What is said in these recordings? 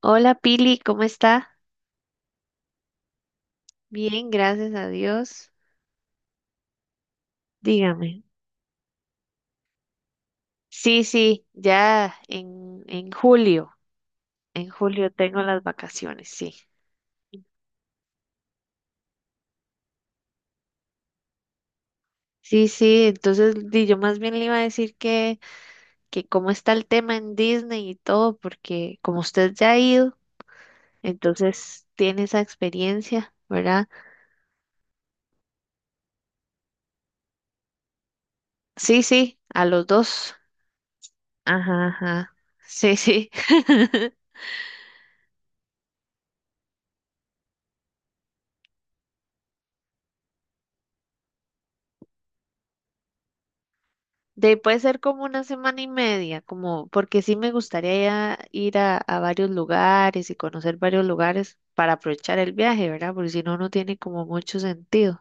Hola Pili, ¿cómo está? Bien, gracias a Dios. Dígame. Sí, sí, ya en julio, en julio tengo las vacaciones, sí. Sí, sí, entonces di, yo más bien le iba a decir que cómo está el tema en Disney y todo, porque como usted ya ha ido, entonces tiene esa experiencia, ¿verdad? Sí, sí, a los dos. Ajá, ajá. Sí, sí. De, puede ser como una semana y media, como porque sí me gustaría ir a varios lugares y conocer varios lugares para aprovechar el viaje, ¿verdad? Porque si no, no tiene como mucho sentido.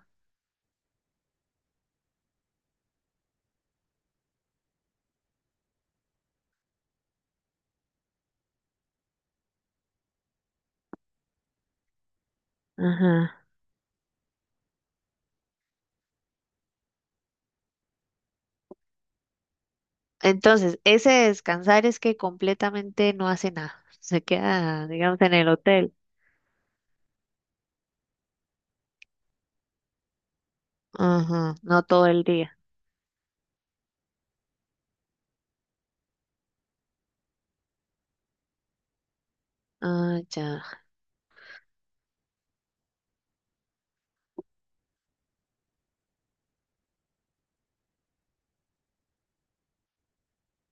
Ajá. Entonces, ese descansar es que completamente no hace nada. Se queda, digamos, en el hotel. Ajá, no todo el día. Ah, ya,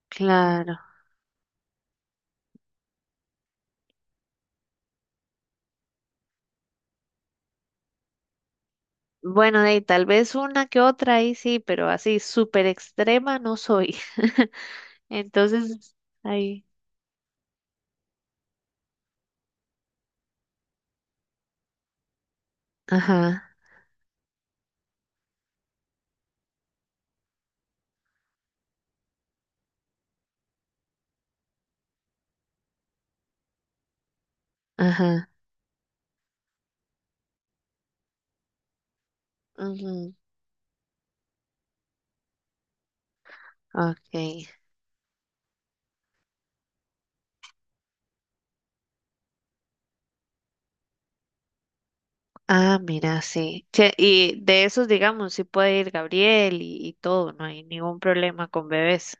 claro. Bueno, de ahí tal vez una que otra ahí sí, pero así súper extrema no soy. Entonces, ahí. Ajá. Ajá. Ujú. Okay. Ah, mira, sí. Che, y de esos, digamos, sí puede ir Gabriel y todo, no hay ningún problema con bebés.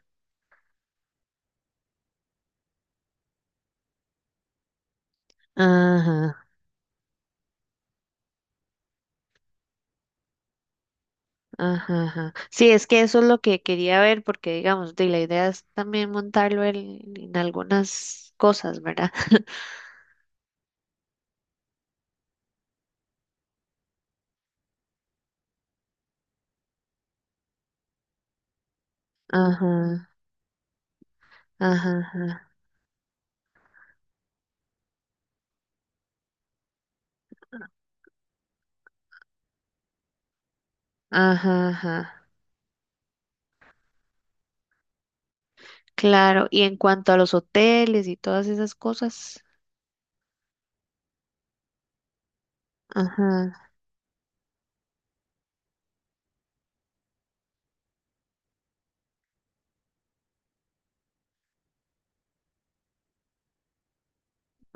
Ajá, ajá, ajá. Sí, es que eso es lo que quería ver, porque digamos, de la idea es también montarlo en algunas cosas, ¿verdad? Ajá, ajá, ajá, ajá, ajá. Claro, y en cuanto a los hoteles y todas esas cosas, ajá,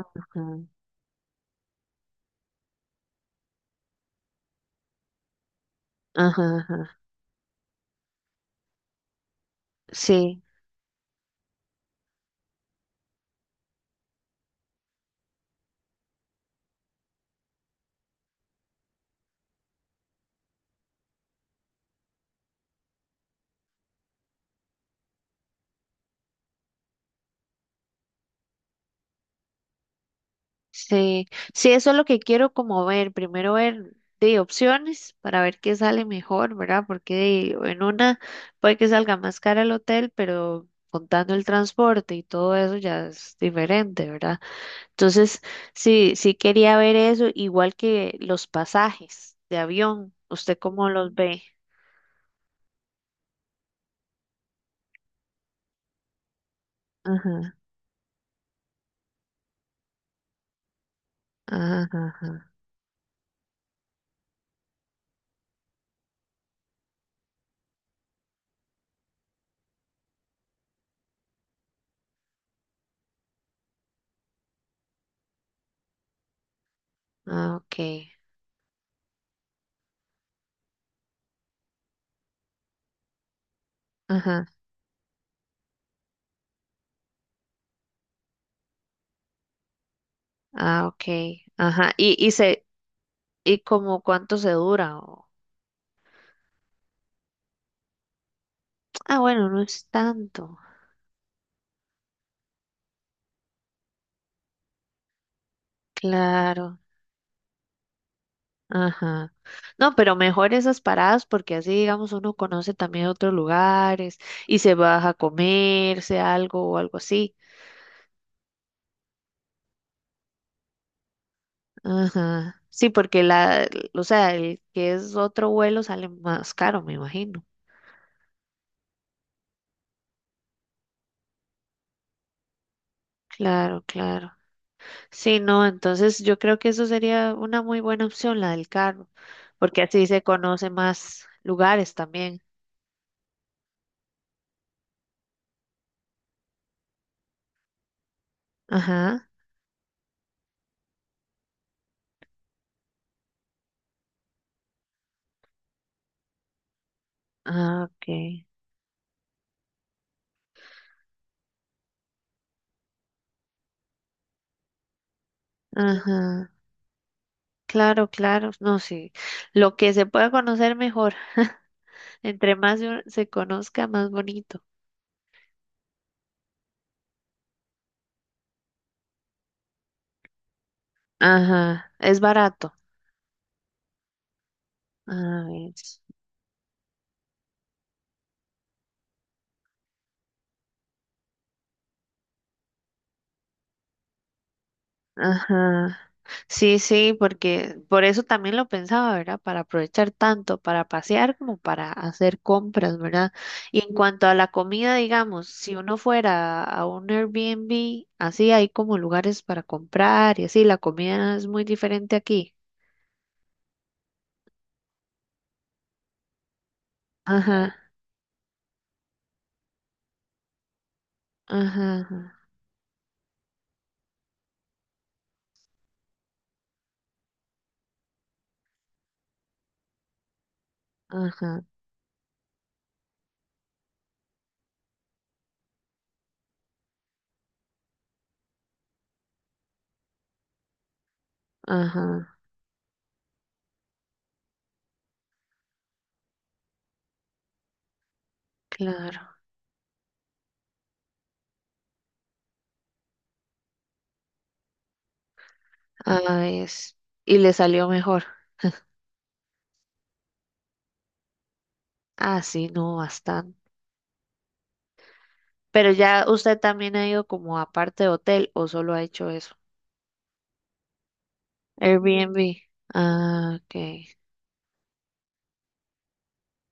ajá, ajá, ajá. Sí. Sí, sí, eso es lo que quiero como ver, primero ver de opciones para ver qué sale mejor, ¿verdad? Porque de- en una puede que salga más cara el hotel, pero contando el transporte y todo eso ya es diferente, ¿verdad? Entonces, sí, sí quería ver eso, igual que los pasajes de avión, ¿usted cómo los ve? Ajá, ajá, ajá, ah, ok, ajá, ah, ok, ajá, y se, y como cuánto se dura. Ah, bueno, no es tanto. Claro. Ajá. No, pero mejor esas paradas porque así, digamos, uno conoce también otros lugares y se baja a comerse algo o algo así. Ajá. Sí, porque la, o sea, el que es otro vuelo sale más caro, me imagino. Claro, claro. Sí, no, entonces yo creo que eso sería una muy buena opción, la del carro, porque así se conoce más lugares también. Ajá. Ah, ok. Ajá. Claro, claro, no, sí. Lo que se pueda conocer mejor. Entre más se uno- se conozca, más bonito. Ajá, es barato. A ver. Ajá. Sí, sí, porque por eso también lo pensaba, ¿verdad? Para aprovechar tanto para pasear como para hacer compras, ¿verdad? Y en cuanto a la comida, digamos, si uno fuera a un Airbnb, así hay como lugares para comprar y así, la comida es muy diferente aquí. Ajá, ajá, ajá. Ajá. Ajá, claro. Ah, es. Y le salió mejor. Ah, sí, no, bastante. Pero ya usted también ha ido como aparte de hotel o solo ha hecho eso. Airbnb. Ah, ok.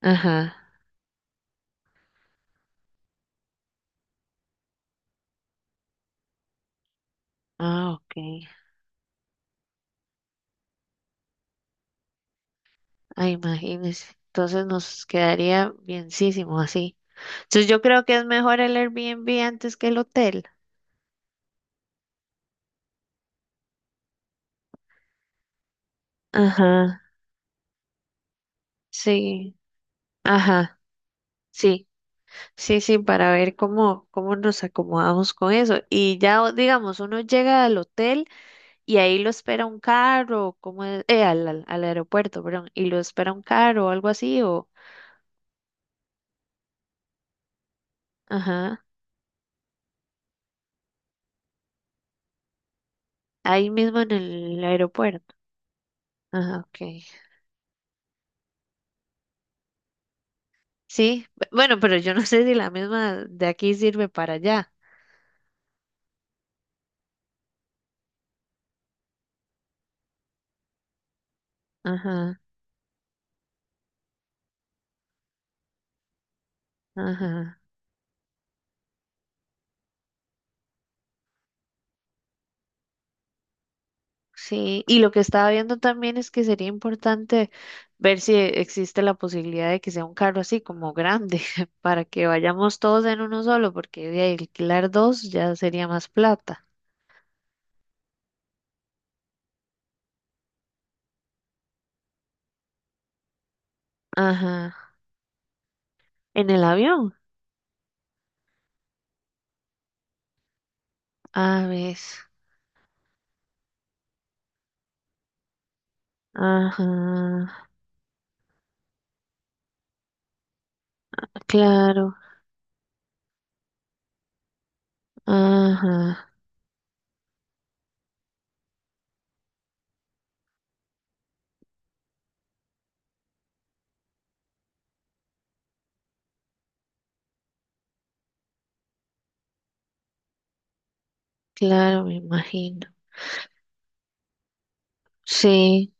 Ajá. Ah, ok. Ah, imagínese. Entonces nos quedaría bienísimo así. Entonces yo creo que es mejor el Airbnb antes que el hotel. Ajá. Sí. Ajá. Sí. Sí, sí, para ver cómo nos acomodamos con eso. Y ya, o- digamos, uno llega al hotel y ahí lo espera un carro, como es, al aeropuerto, perdón, y lo espera un carro o algo así, o, ajá, ahí mismo en el aeropuerto. Ajá, ok. Sí, bu- bueno, pero yo no sé si la misma de aquí sirve para allá. Ajá, ajá. Sí, y lo que estaba viendo también es que sería importante ver si existe la posibilidad de que sea un carro así como grande, para que vayamos todos en uno solo, porque de alquilar dos ya sería más plata. Ajá. En el avión. A ves. Ajá. Claro. Ajá. Claro, me imagino. Sí.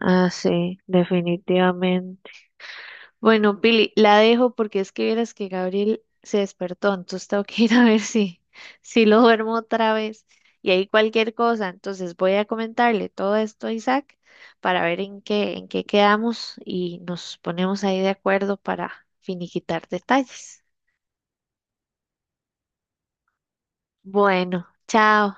Ah, sí, definitivamente. Bueno, Pili, la dejo porque es que vieras que Gabriel se despertó, entonces tengo que ir a ver si, si lo duermo otra vez. Y ahí cualquier cosa, entonces voy a comentarle todo esto a Isaac para ver en qué quedamos y nos ponemos ahí de acuerdo para finiquitar detalles. Bueno, chao.